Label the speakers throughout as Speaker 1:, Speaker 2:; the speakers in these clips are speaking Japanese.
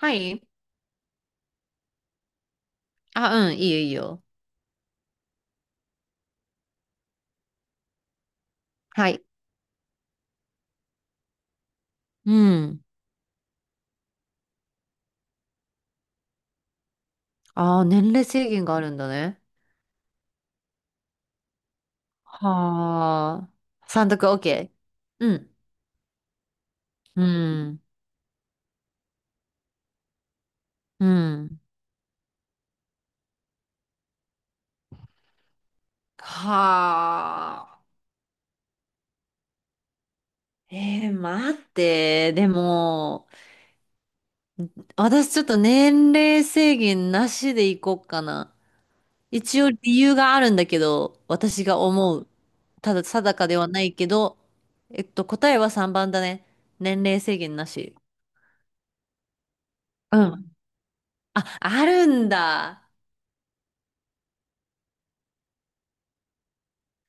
Speaker 1: はい。あ、うん、いいよ、いいよ。はい。うん。ああ、年齢制限があるんだね。はあ。三択 OK。うん。うん。うん。はあ。待って。でも、私ちょっと年齢制限なしでいこうかな。一応理由があるんだけど、私が思う。ただ定かではないけど、答えは3番だね。年齢制限なし。うん。あ、あるんだ。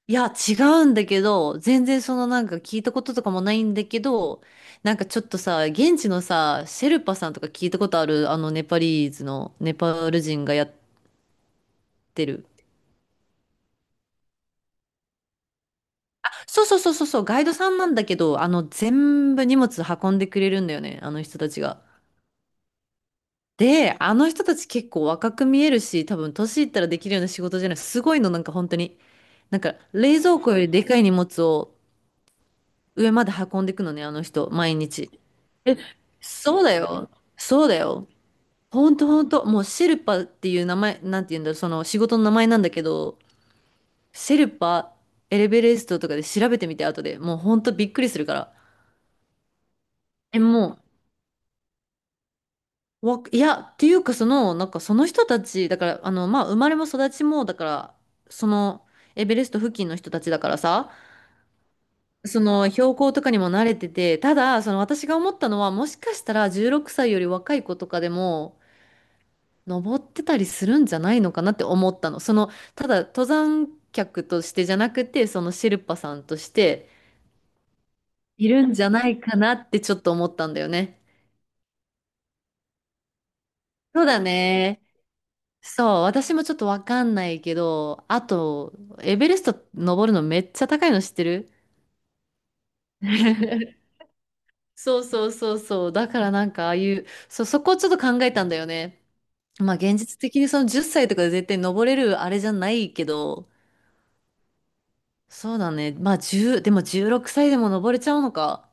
Speaker 1: いや、違うんだけど、全然そのなんか聞いたこととかもないんだけど、なんかちょっとさ、現地のさ、シェルパさんとか聞いたことある、あのネパリーズのネパール人がやってる。そうそうそうそうそう、ガイドさんなんだけど、あの全部荷物運んでくれるんだよね、あの人たちが。で、あの人たち結構若く見えるし、多分年いったらできるような仕事じゃない。すごいの、なんか本当に。なんか冷蔵庫よりでかい荷物を上まで運んでいくのね、あの人、毎日。え、そうだよ。そうだよ。ほんとほんと。もうシェルパっていう名前、なんて言うんだろう、その仕事の名前なんだけど、シェルパ、エレベレストとかで調べてみて、後で。もうほんとびっくりするから。え、もう、わ、いや、っていうかその、なんかその人たち、だから、あの、まあ、生まれも育ちも、だから、その、エベレスト付近の人たちだからさ、その標高とかにも慣れてて、ただ、その私が思ったのは、もしかしたら16歳より若い子とかでも、登ってたりするんじゃないのかなって思ったの。その、ただ登山客としてじゃなくて、そのシェルパさんとしているんじゃないかなってちょっと思ったんだよね。そうだね。そう、私もちょっとわかんないけど、あと、エベレスト登るのめっちゃ高いの知ってる？ そうそうそうそう。だからなんかああいう、そう、そこをちょっと考えたんだよね。まあ現実的にその10歳とかで絶対登れるあれじゃないけど、そうだね。まあ、1でも16歳でも登れちゃうのか。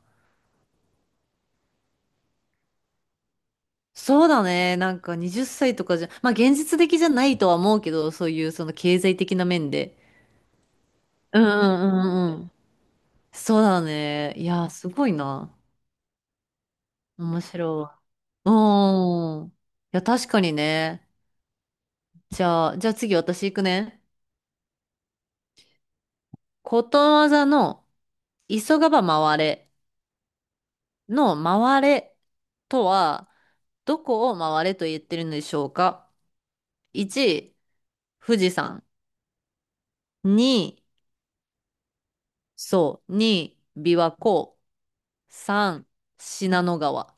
Speaker 1: そうだね。なんか20歳とかじゃ、まあ現実的じゃないとは思うけど、そういうその経済的な面で。うんうんうんうん。そうだね。いや、すごいな。面白い。うん。いや、確かにね。じゃあ次私行くね。ことわざの急がば回れの回れとは、どこを回れと言ってるのでしょうか ?1、富士山。2、そう、2、琵琶湖。3、信濃川。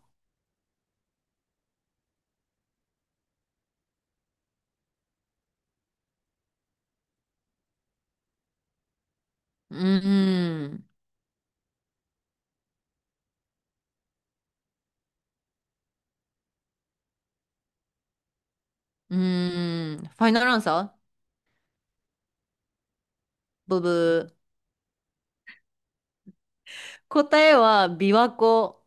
Speaker 1: うーん。うーん。ファイナルアンサー？ブブー。答えは琵琶湖。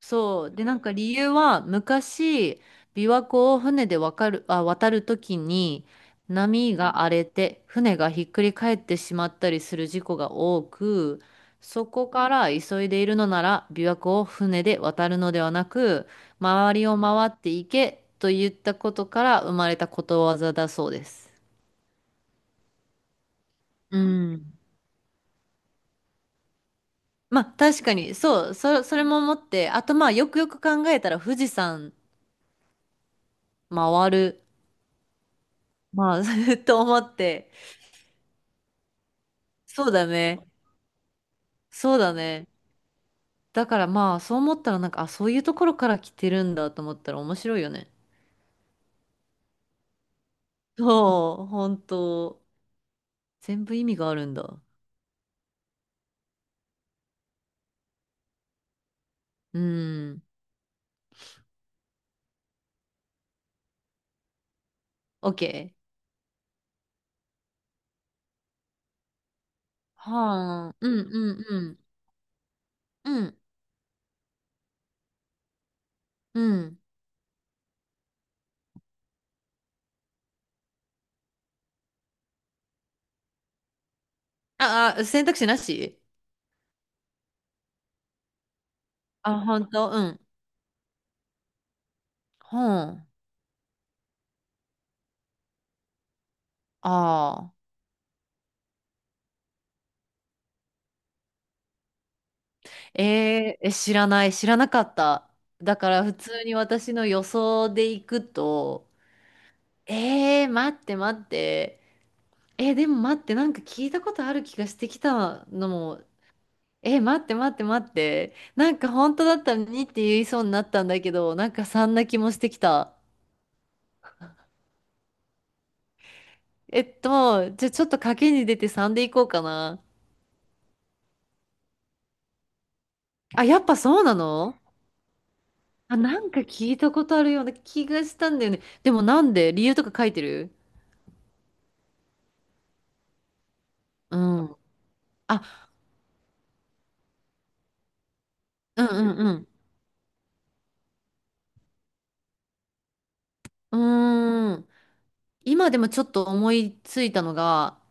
Speaker 1: そう。で、なんか理由は、昔、琵琶湖を船でわかる、あ、渡るときに、波が荒れて、船がひっくり返ってしまったりする事故が多く、そこから急いでいるのなら、琵琶湖を船で渡るのではなく、周りを回っていけと言ったことから生まれたことわざだそうです。うん。まあ確かにそうそ、それも思ってあとまあよくよく考えたら富士山回るまあ と思って、そうだね。そうだね。だからまあ、そう思ったらなんか、あ、そういうところから来てるんだと思ったら面白いよね。そう、本当。全部意味があるんだ。うん。OK。はあ。うんうんうん。うん。うん。あ、あ、選択肢なし？あ、本当？うん。ほん。ああ。え知らない。知らなかった。だから普通に私の予想でいくと、待って待って。え、でも待って、なんか聞いたことある気がしてきたのも、え、待って待って待って、なんか本当だったら2って言いそうになったんだけど、なんか3な気もしてきた。じゃあちょっと賭けに出て3でいこうかな。あ、やっぱそうなの？あ、なんか聞いたことあるような気がしたんだよね。でもなんで理由とか書いてる？うん。あ、うんうんうん。うーん。今でもちょっと思いついたのが、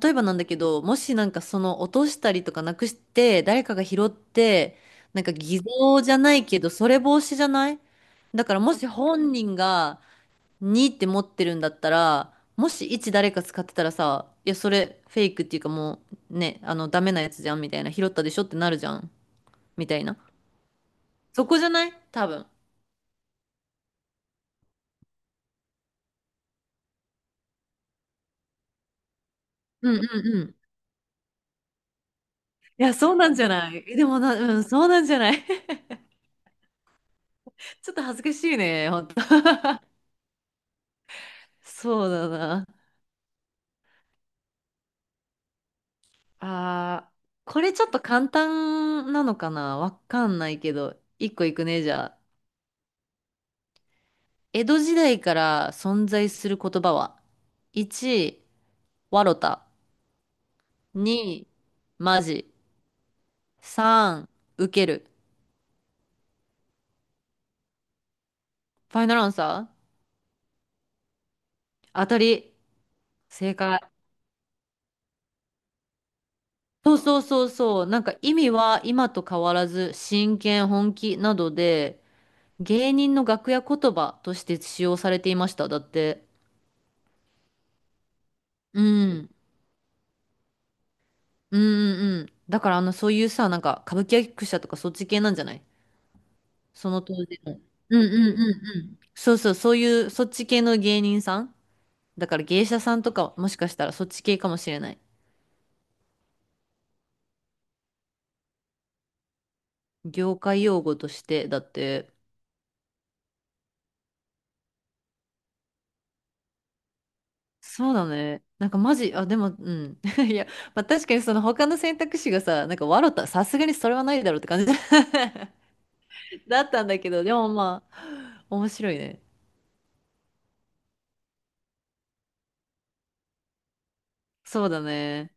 Speaker 1: 例えばなんだけど、もしなんかその落としたりとかなくして、誰かが拾って、なんか偽造じゃないけど、それ防止じゃない？だからもし本人が2って持ってるんだったら、もし1誰か使ってたらさ、いや、それフェイクっていうかもうね、あの、ダメなやつじゃんみたいな、拾ったでしょってなるじゃんみたいな。そこじゃない？多分。うんうんうん。いや、そうなんじゃない？え、でもな、うん、そうなんじゃない？ ちょっと恥ずかしいね、ほんと。そうだな。あこれちょっと簡単なのかなわかんないけど、一個いくね、じゃあ。江戸時代から存在する言葉は ?1、わろた。2、まじ。3、受ける。ファイナルアンサー？当たり。正解。そうそうそうそう。なんか意味は今と変わらず、真剣、本気などで、芸人の楽屋言葉として使用されていました。だって。うん。うんうんうん。だからあの、そういうさ、なんか歌舞伎役者とかそっち系なんじゃない？その当時の。うんうんうんうん。そうそう、そういう、そっち系の芸人さんだから芸者さんとかもしかしたらそっち系かもしれない。業界用語として、だって、そうだね。なんかマジ、あ、でも、うん。いや、まあ、確かにその他の選択肢がさ、なんか笑った、さすがにそれはないだろうって感じ だったんだけど、でもまあ、面白いね。そうだね。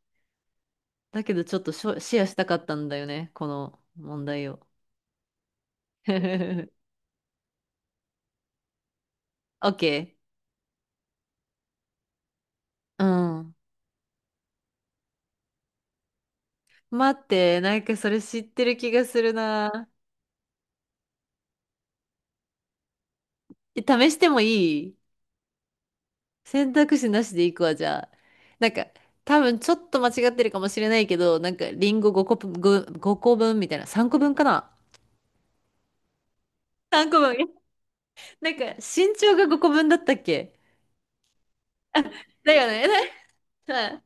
Speaker 1: だけどちょっとしょシェアしたかったんだよね、この問題を。OK。うん。待って、なんかそれ知ってる気がするな。え試してもいい？選択肢なしでいくわ、じゃあ。なんか、多分ちょっと間違ってるかもしれないけど、なんかリンゴ5個分、5個分みたいな、3個分かな ?3 個分。なんか身長が5個分だったっけ？だよね。はい。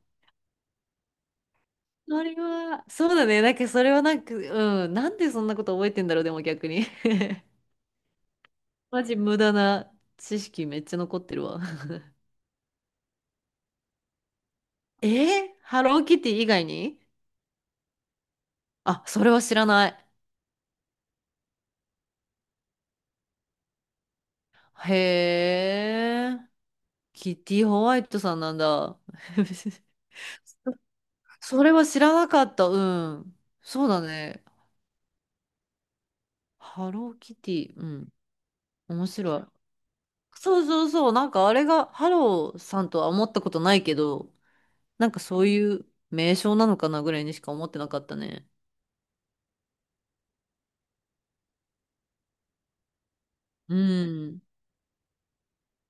Speaker 1: それは、そうだね。なんかそれはなんか、うん。なんでそんなこと覚えてんだろう、でも逆に。マジ無駄な知識めっちゃ残ってるわ。え、ハローキティ以外に？あ、それは知らない。へえ、キティホワイトさんなんだ。それは知らなかった。うん。そうだね。ハローキティ。うん。面白い。そうそうそう。なんかあれがハローさんとは思ったことないけど、なんかそういう名称なのかなぐらいにしか思ってなかったね。うん。